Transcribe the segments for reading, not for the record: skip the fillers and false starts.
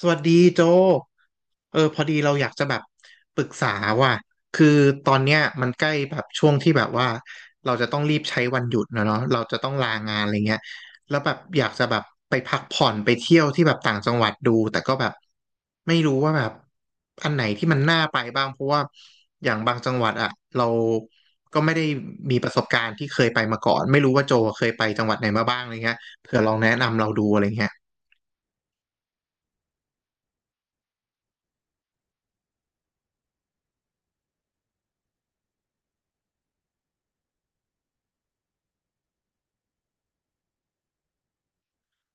สวัสดีโจพอดีเราอยากจะแบบปรึกษาว่ะคือตอนเนี้ยมันใกล้แบบช่วงที่แบบว่าเราจะต้องรีบใช้วันหยุดนะเนาะเราจะต้องลางานอะไรเงี้ยแล้วแบบอยากจะแบบไปพักผ่อนไปเที่ยวที่แบบต่างจังหวัดดูแต่ก็แบบไม่รู้ว่าแบบอันไหนที่มันน่าไปบ้างเพราะว่าอย่างบางจังหวัดอะเราก็ไม่ได้มีประสบการณ์ที่เคยไปมาก่อนไม่รู้ว่าโจเคยไปจังหวัดไหนมาบ้างอะไรเงี้ยเผื่อลองแนะนำเราดูอะไรเงี้ย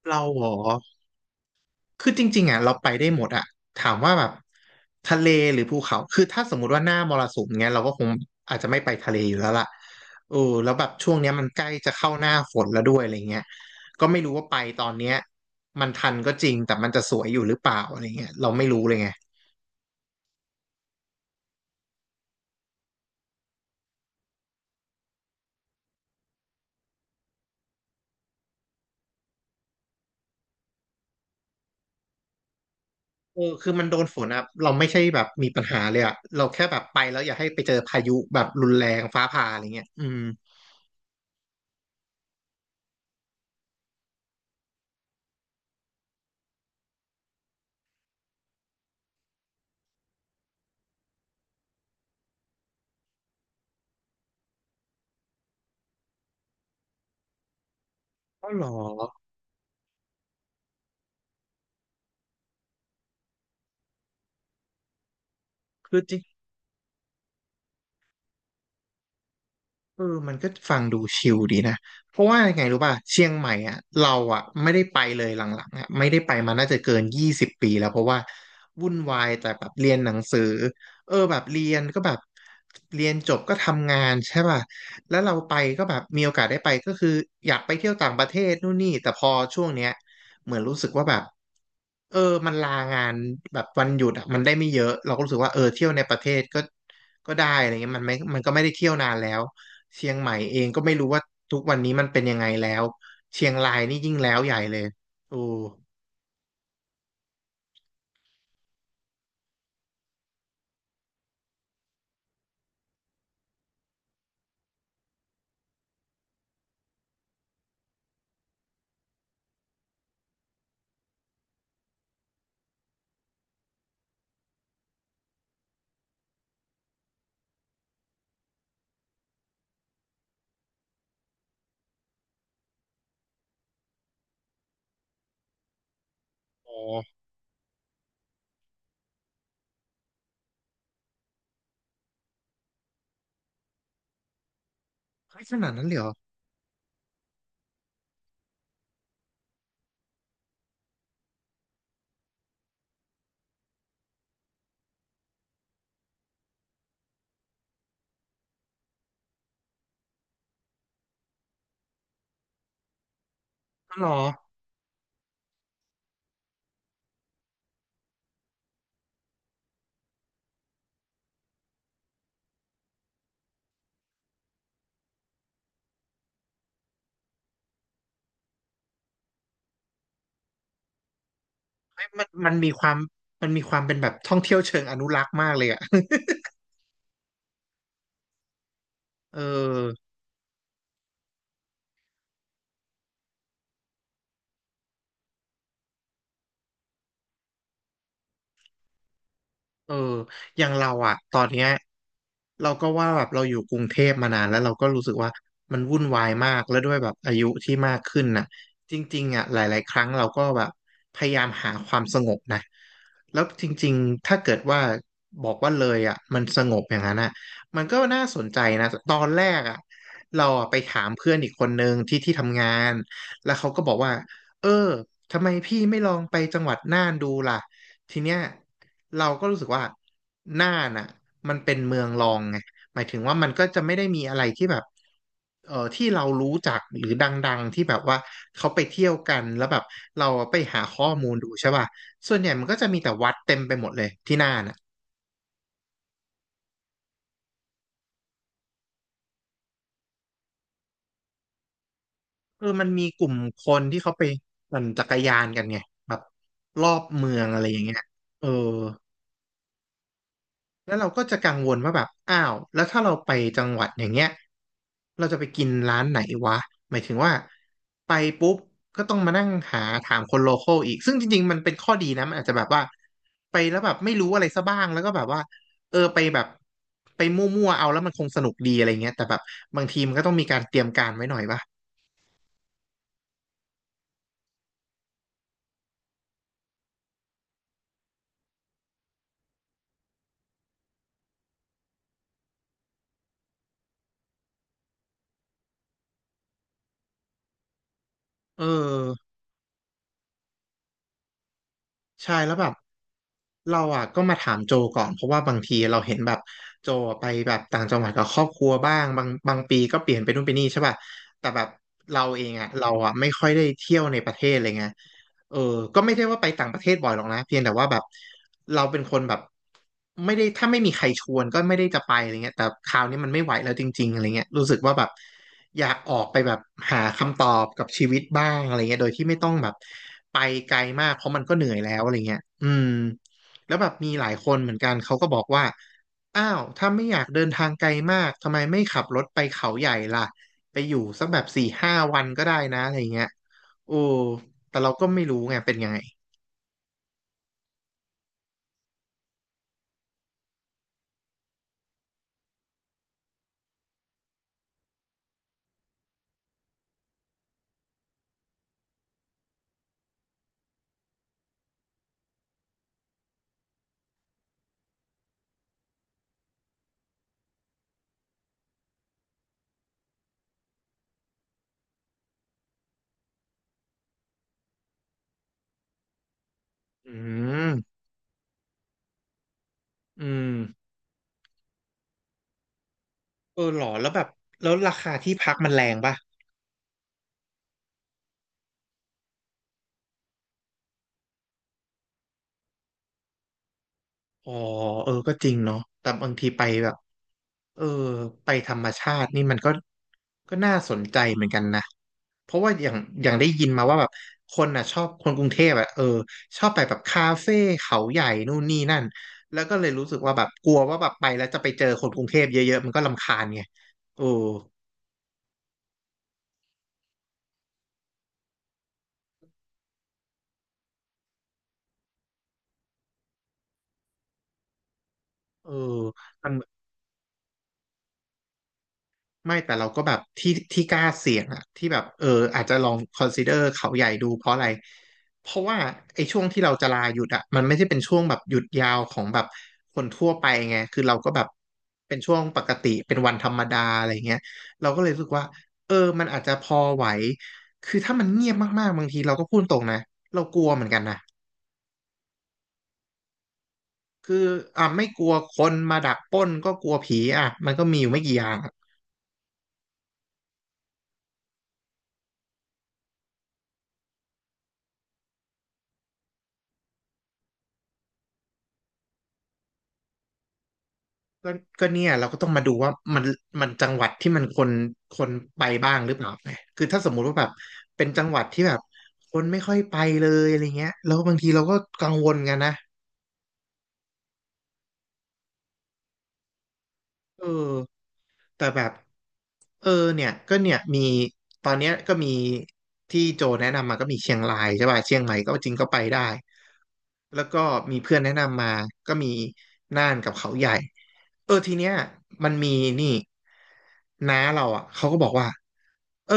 เราเหรอ คือจริงๆอ่ะเราไปได้หมดอ่ะถามว่าแบบทะเลหรือภูเขาคือถ้าสมมติว่าหน้ามรสุมเงี้ยเราก็คงอาจจะไม่ไปทะเลอยู่แล้วล่ะเออแล้วแบบช่วงเนี้ยมันใกล้จะเข้าหน้าฝนแล้วด้วยอะไรเงี้ยก็ไม่รู้ว่าไปตอนเนี้ยมันทันก็จริงแต่มันจะสวยอยู่หรือเปล่าอะไรเงี้ยเราไม่รู้เลยไงเออคือมันโดนฝนอ่ะเราไม่ใช่แบบมีปัญหาเลยอ่ะเราแค่แบบไปแล้วอย่าให้ไปเจอพายุแบบรุนแรงฟ้าผ่าอะไรเงี้ยอืมก็หรอคือจ เออมันก็ฟังดูชิลดีนะเพราะว่ายังไงรู้ป่ะเชียงใหม่อ่ะเราอ่ะไม่ได้ไปเลยหลังๆอ่ะไม่ได้ไปมาน่าจะเกิน20 ปีแล้วเพราะว่าวุ่นวายแต่แบบเรียนหนังสือเออแบบเรียนก็แบบเรียนจบก็ทำงานใช่ป่ะแล้วเราไปก็แบบมีโอกาสได้ไปก็คืออยากไปเที่ยวต่างประเทศนู่นนี่แต่พอช่วงเนี้ยเหมือนรู้สึกว่าแบบเออมันลางานแบบวันหยุดอ่ะมันได้ไม่เยอะเราก็รู้สึกว่าเออเที่ยวในประเทศก็ได้อะไรเงี้ยมันไม่ก็ไม่ได้เที่ยวนานแล้ว เชียงใหม่เองก็ไม่รู้ว่าทุกวันนี้มันเป็นยังไงแล้วเชียงรายนี่ยิ่งแล้วใหญ่เลยโอ้โหเฮ้ยขนาดนั้นเลยเหรออ๋อเหรอเฮ้ยมันมีความมันมีความเป็นแบบท่องเที่ยวเชิงอนุรักษ์มากเลยอ่ะ เออ เอออย่างเราอะตอนเนี้ยเราก็ว่าแบบเราอยู่กรุงเทพมานานแล้วเราก็รู้สึกว่ามันวุ่นวายมากแล้วด้วยแบบอายุที่มากขึ้นน่ะจริงๆอะหลายๆครั้งเราก็แบบพยายามหาความสงบนะแล้วจริงๆถ้าเกิดว่าบอกว่าเลยอะมันสงบอย่างนั้นอะมันก็น่าสนใจนะตอนแรกอะเราอะไปถามเพื่อนอีกคนนึงที่ทำงานแล้วเขาก็บอกว่าเออทำไมพี่ไม่ลองไปจังหวัดน่านดูล่ะทีเนี้ย เราก็รู้สึกว่าน่านน่ะมันเป็นเมืองรองไงหมายถึงว่ามันก็จะไม่ได้มีอะไรที่แบบเออที่เรารู้จักหรือดังๆที่แบบว่าเขาไปเที่ยวกันแล้วแบบเราไปหาข้อมูลดูใช่ป่ะส่วนใหญ่มันก็จะมีแต่วัดเต็มไปหมดเลยที่น่านอ่ะเออมันมีกลุ่มคนที่เขาไปปั่นจักรยานกันไงแบบรอบเมืองอะไรอย่างเงี้ยเออ แล้วเราก็จะกังวลว่าแบบอ้าวแล้วถ้าเราไปจังหวัดอย่างเงี้ยเราจะไปกินร้านไหนวะหมายถึงว่าไปปุ๊บก็ต้องมานั่งหาถามคนโลคอลอีกซึ่งจริงๆมันเป็นข้อดีนะมันอาจจะแบบว่าไปแล้วแบบไม่รู้อะไรซะบ้างแล้วก็แบบว่าเออไปแบบไปมั่วๆเอาแล้วมันคงสนุกดีอะไรเงี้ยแต่แบบบางทีมันก็ต้องมีการเตรียมเออ ใช่แล้วแบบเราอ่ะก็มาถามโจก่อนเพราะว่าบางทีเราเห็นแบบโจไปแบบต่างจังหวัดกับครอบครัวบ้างบางบางปีก็เปลี่ยนไปนู่นไปนี่ใช่ป่ะแต่แบบเราเองอ่ะเราอ่ะไม่ค่อยได้เที่ยวในประเทศเลยไงเออก็ไม่ได้ว่าไปต่างประเทศบ่อยหรอกนะเพียงแต่ว่าแบบเราเป็นคนแบบไม่ได้ถ้าไม่มีใครชวนก็ไม่ได้จะไปอะไรเงี้ยแต่คราวนี้มันไม่ไหวแล้วจริงๆอะไรเงี้ยรู้สึกว่าแบบ อยากออกไปแบบหาคำตอบกับชีวิตบ้างอะไรเงี้ยโดยที่ไม่ต้องแบบไปไกลมากเพราะมันก็เหนื่อยแล้วอะไรเงี้ยอืมแล้วแบบมีหลายคนเหมือนกันเขาก็บอกว่าอ้าวถ้าไม่อยากเดินทางไกลมากทำไมไม่ขับรถไปเขาใหญ่ล่ะไปอยู่สักแบบสี่ห้าวันก็ได้นะอะไรเงี้ยโอ้แต่เราก็ไม่รู้ไงเป็นยังไงอืมอืมเออหรอแล้วแบบแล้วราคาที่พักมันแรงป่ะ อ๋อเออก็จริงเนาะแต่บางทีไปแบบเออไปธรรมชาตินี่มันก็ก็น่าสนใจเหมือนกันนะ เพราะว่าอย่างอย่างได้ยินมาว่าแบบคนอ่ะชอบคนกรุงเทพอ่ะเออชอบไปแบบคาเฟ่เขาใหญ่นู่นนี่นั่นแล้วก็เลยรู้สึกว่าแบบกลัวว่าแบบไปแล้วจะไปเจอคนกรุงเทพเยอะๆมันก็รำคาญไงเออเออมัน ไม่แต่เราก็แบบที่ที่กล้าเสี่ยงอะที่แบบเอออาจจะลอง consider เขาใหญ่ดูเพราะอะไรเพราะว่าไอ้ช่วงที่เราจะลาหยุดอะมันไม่ใช่เป็นช่วงแบบหยุดยาวของแบบคนทั่วไปไงคือเราก็แบบเป็นช่วงปกติเป็นวันธรรมดาอะไรเงี้ยเราก็เลยรู้สึกว่าเออมันอาจจะพอไหวคือถ้ามันเงียบมากๆบางทีเราก็พูดตรงนะเรากลัวเหมือนกันนะคืออ่ะไม่กลัวคนมาดักปล้นก็กลัวผีอ่ะมันก็มีอยู่ไม่กี่อย่าง ก็ก็เนี่ยเราก็ต้องมาดูว่ามันมันจังหวัดที่มันคนคนไปบ้างหรือเปล่าไงคือถ้าสมมุติว่าแบบเป็นจังหวัดที่แบบคนไม่ค่อยไปเลยอะไรเงี้ยแล้วบางทีเราก็กังวลกันนะเออแต่แบบเออเนี่ยก็เนี่ยมีตอนเนี้ยก็มีที่โจแนะนำมาก็มีเชียงรายใช่ป่ะเชียงใหม่ก็จริงก็ไปได้ แล้วก็มีเพื่อนแนะนำมาก็มีน่านกับเขาใหญ่เออทีเนี้ยมันมีนี่น้าเราอ่ะเขาก็บอกว่าเออ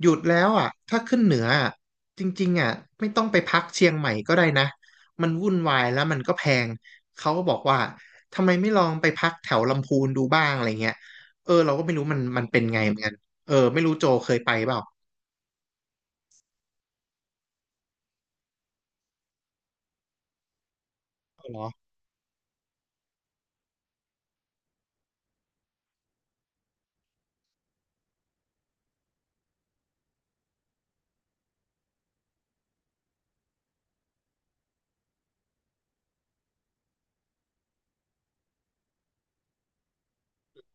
หยุดแล้วอ่ะถ้าขึ้นเหนืออะจริงๆอ่ะไม่ต้องไปพักเชียงใหม่ก็ได้นะมันวุ่นวายแล้วมันก็แพงเขาก็บอกว่าทำไมไม่ลองไปพักแถวลำพูนดูบ้างอะไรเงี้ยเออเราก็ไม่รู้มันมันเป็นไงเหมือนกันเออไม่รู้โจเคยไปเปล่าเอาเหรอ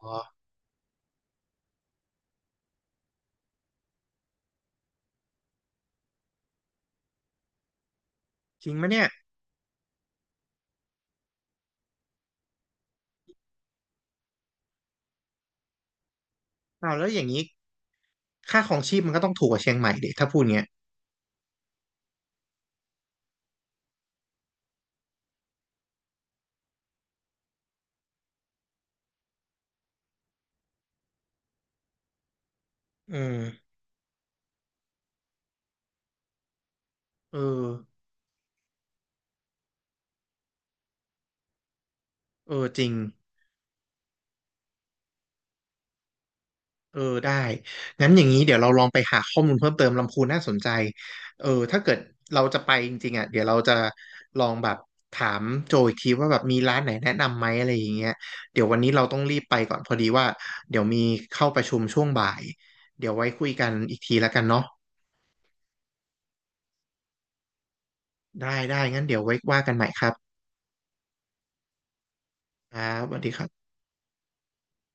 อ๋อจริงไหมเนี่ยอ้าวแล้วอย่างนี้ค่าของชีพมันก็ต้องถูกกว่าเชียงใหม่ดิถ้าพูดเงี้ย เออเออเออจริงเออได้งั้นอย่างนี้เดี๋ยวเราลองไปหาข้อมูลเพิ่มเติมลำพูนน่าสนใจเออถ้าเกิดเราจะไปจริงๆอ่ะเดี๋ยวเราจะลองแบบถามโจอีกทีว่าแบบมีร้านไหนแนะนำไหมอะไรอย่างเงี้ยเดี๋ยววันนี้เราต้องรีบไปก่อนพอดีว่าเดี๋ยวมีเข้าประชุมช่วงบ่ายเดี๋ยวไว้คุยกันอีกทีแล้วกันเนาะได้ได้งั้นเดี๋ยวไว้ว่ากันใหม่ครับครับสวัสดีครับ